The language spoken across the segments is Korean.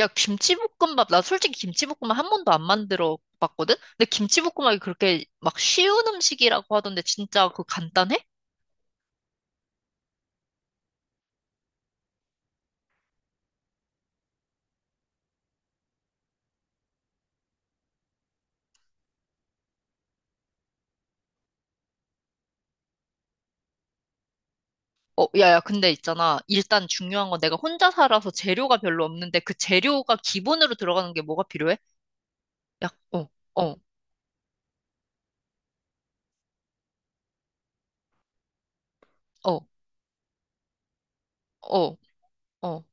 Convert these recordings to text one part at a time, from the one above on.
야, 김치볶음밥, 나 솔직히 김치볶음밥 한 번도 안 만들어 봤거든? 근데 김치볶음밥이 그렇게 막 쉬운 음식이라고 하던데 진짜 그거 간단해? 어, 야, 야, 근데 있잖아. 일단 중요한 건 내가 혼자 살아서 재료가 별로 없는데 그 재료가 기본으로 들어가는 게 뭐가 필요해? 야, 어, 어, 어, 어, 어.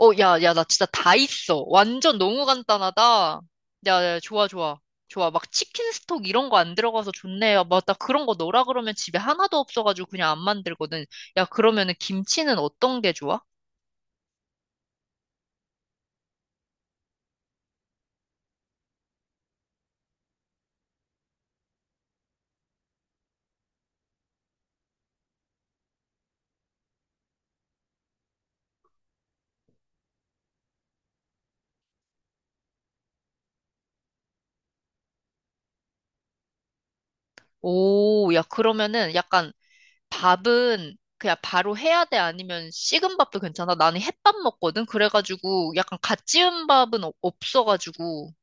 어, 야, 야, 나 진짜 다 있어. 완전 너무 간단하다. 야, 야, 좋아, 좋아. 좋아. 막 치킨 스톡 이런 거 안 들어가서 좋네요. 맞다. 그런 거 넣으라 그러면 집에 하나도 없어가지고 그냥 안 만들거든. 야, 그러면은 김치는 어떤 게 좋아? 오, 야, 그러면은 약간 밥은 그냥 바로 해야 돼? 아니면 식은 밥도 괜찮아? 나는 햇밥 먹거든? 그래가지고 약간 갓 지은 밥은 없어가지고.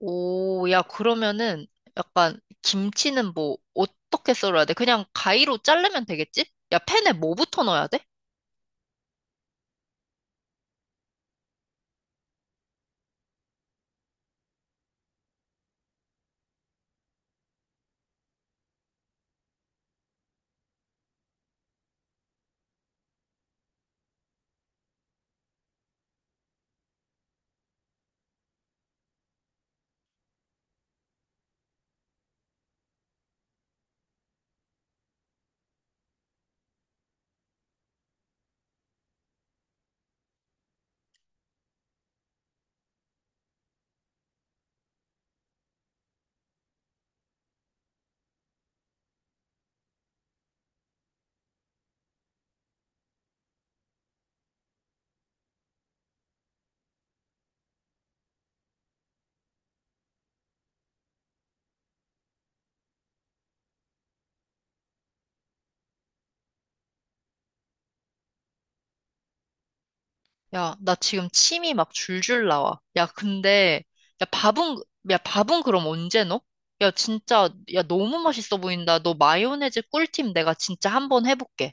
오, 야, 그러면은 약간 김치는 뭐 어떻게 썰어야 돼? 그냥 가위로 자르면 되겠지? 야, 팬에 뭐부터 넣어야 돼? 야, 나 지금 침이 막 줄줄 나와. 야, 근데 야, 밥은 야, 밥은 그럼 언제 넣어? 야, 진짜 야, 너무 맛있어 보인다. 너 마요네즈 꿀팁 내가 진짜 한 번 해볼게.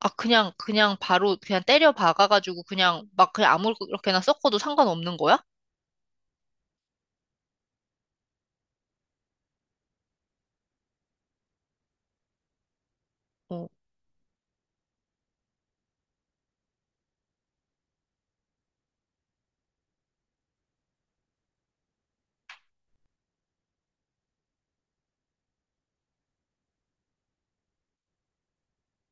아, 그냥 바로 그냥 때려 박아가지고 그냥 막 그냥 아무렇게나 섞어도 상관없는 거야? 어.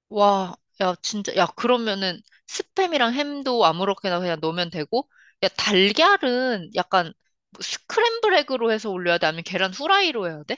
와, 야, 진짜, 야, 그러면은 스팸이랑 햄도 아무렇게나 그냥 넣으면 되고, 야, 달걀은 약간 뭐 스크램블 에그로 해서 올려야 돼? 아니면 계란 후라이로 해야 돼?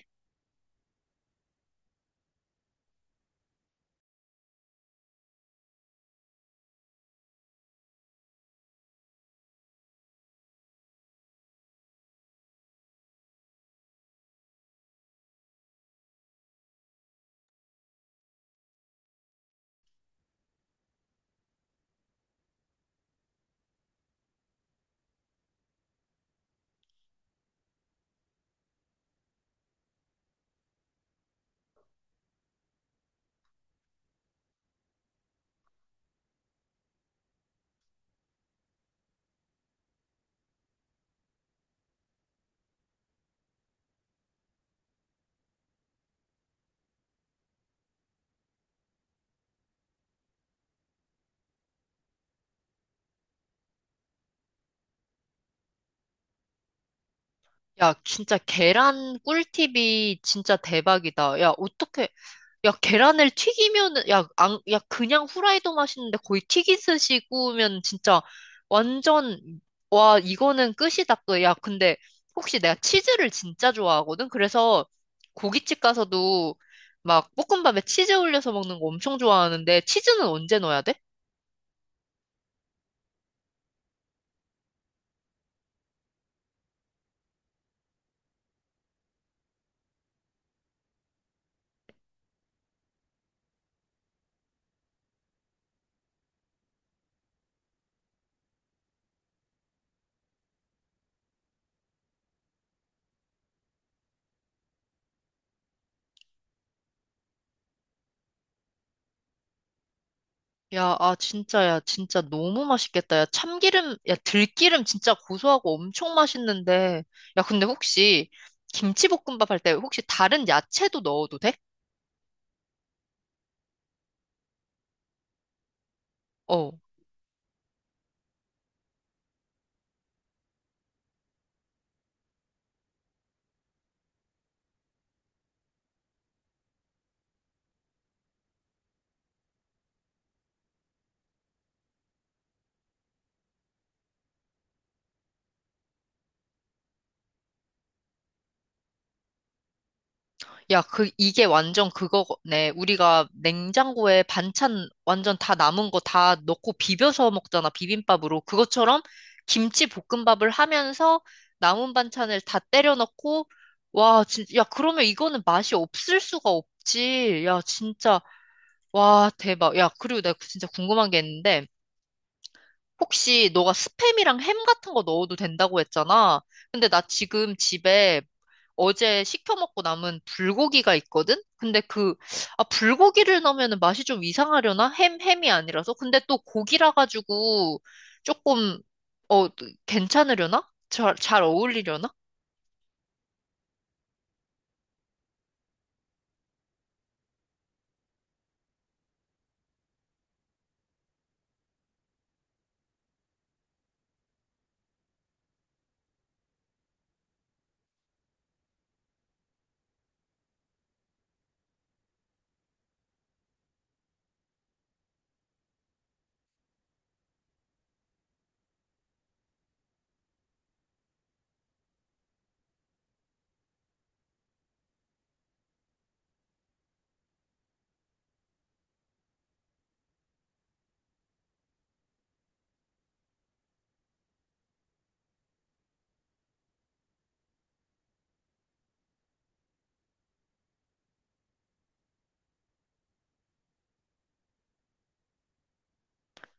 야, 진짜 계란 꿀팁이 진짜 대박이다. 야, 어떻게, 야, 계란을 튀기면은, 야, 안, 야, 그냥 후라이도 맛있는데 거의 튀기듯이 구우면 진짜 완전, 와, 이거는 끝이다 또. 야, 근데 혹시 내가 치즈를 진짜 좋아하거든? 그래서 고깃집 가서도 막 볶음밥에 치즈 올려서 먹는 거 엄청 좋아하는데 치즈는 언제 넣어야 돼? 야, 아, 진짜, 야, 진짜 너무 맛있겠다. 야, 참기름, 야, 들기름 진짜 고소하고 엄청 맛있는데. 야, 근데 혹시 김치볶음밥 할 때 혹시 다른 야채도 넣어도 돼? 어, 야, 그, 이게 완전 그거네. 우리가 냉장고에 반찬 완전 다 남은 거 다 넣고 비벼서 먹잖아, 비빔밥으로. 그것처럼 김치 볶음밥을 하면서 남은 반찬을 다 때려 넣고, 와, 진짜, 야, 그러면 이거는 맛이 없을 수가 없지. 야, 진짜, 와, 대박. 야, 그리고 내가 진짜 궁금한 게 있는데, 혹시 너가 스팸이랑 햄 같은 거 넣어도 된다고 했잖아. 근데 나 지금 집에 어제 시켜 먹고 남은 불고기가 있거든? 근데 그, 아, 불고기를 넣으면 맛이 좀 이상하려나? 햄, 햄이 아니라서? 근데 또 고기라 가지고 조금, 어, 괜찮으려나? 잘 어울리려나?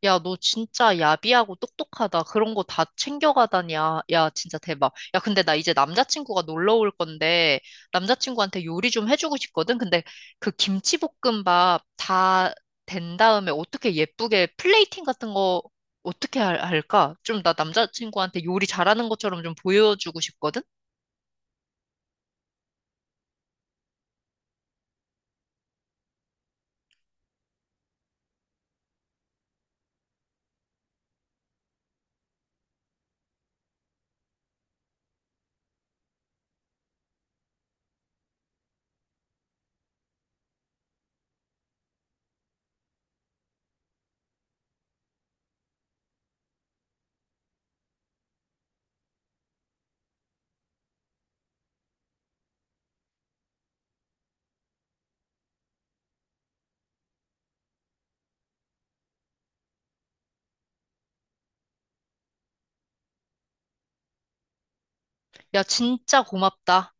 야, 너 진짜 야비하고 똑똑하다. 그런 거 다 챙겨가다냐. 야, 진짜 대박. 야, 근데 나 이제 남자친구가 놀러 올 건데, 남자친구한테 요리 좀 해주고 싶거든? 근데 그 김치볶음밥 다 된 다음에 어떻게 예쁘게 플레이팅 같은 거 어떻게 할까? 좀 나 남자친구한테 요리 잘하는 것처럼 좀 보여주고 싶거든? 야, 진짜 고맙다.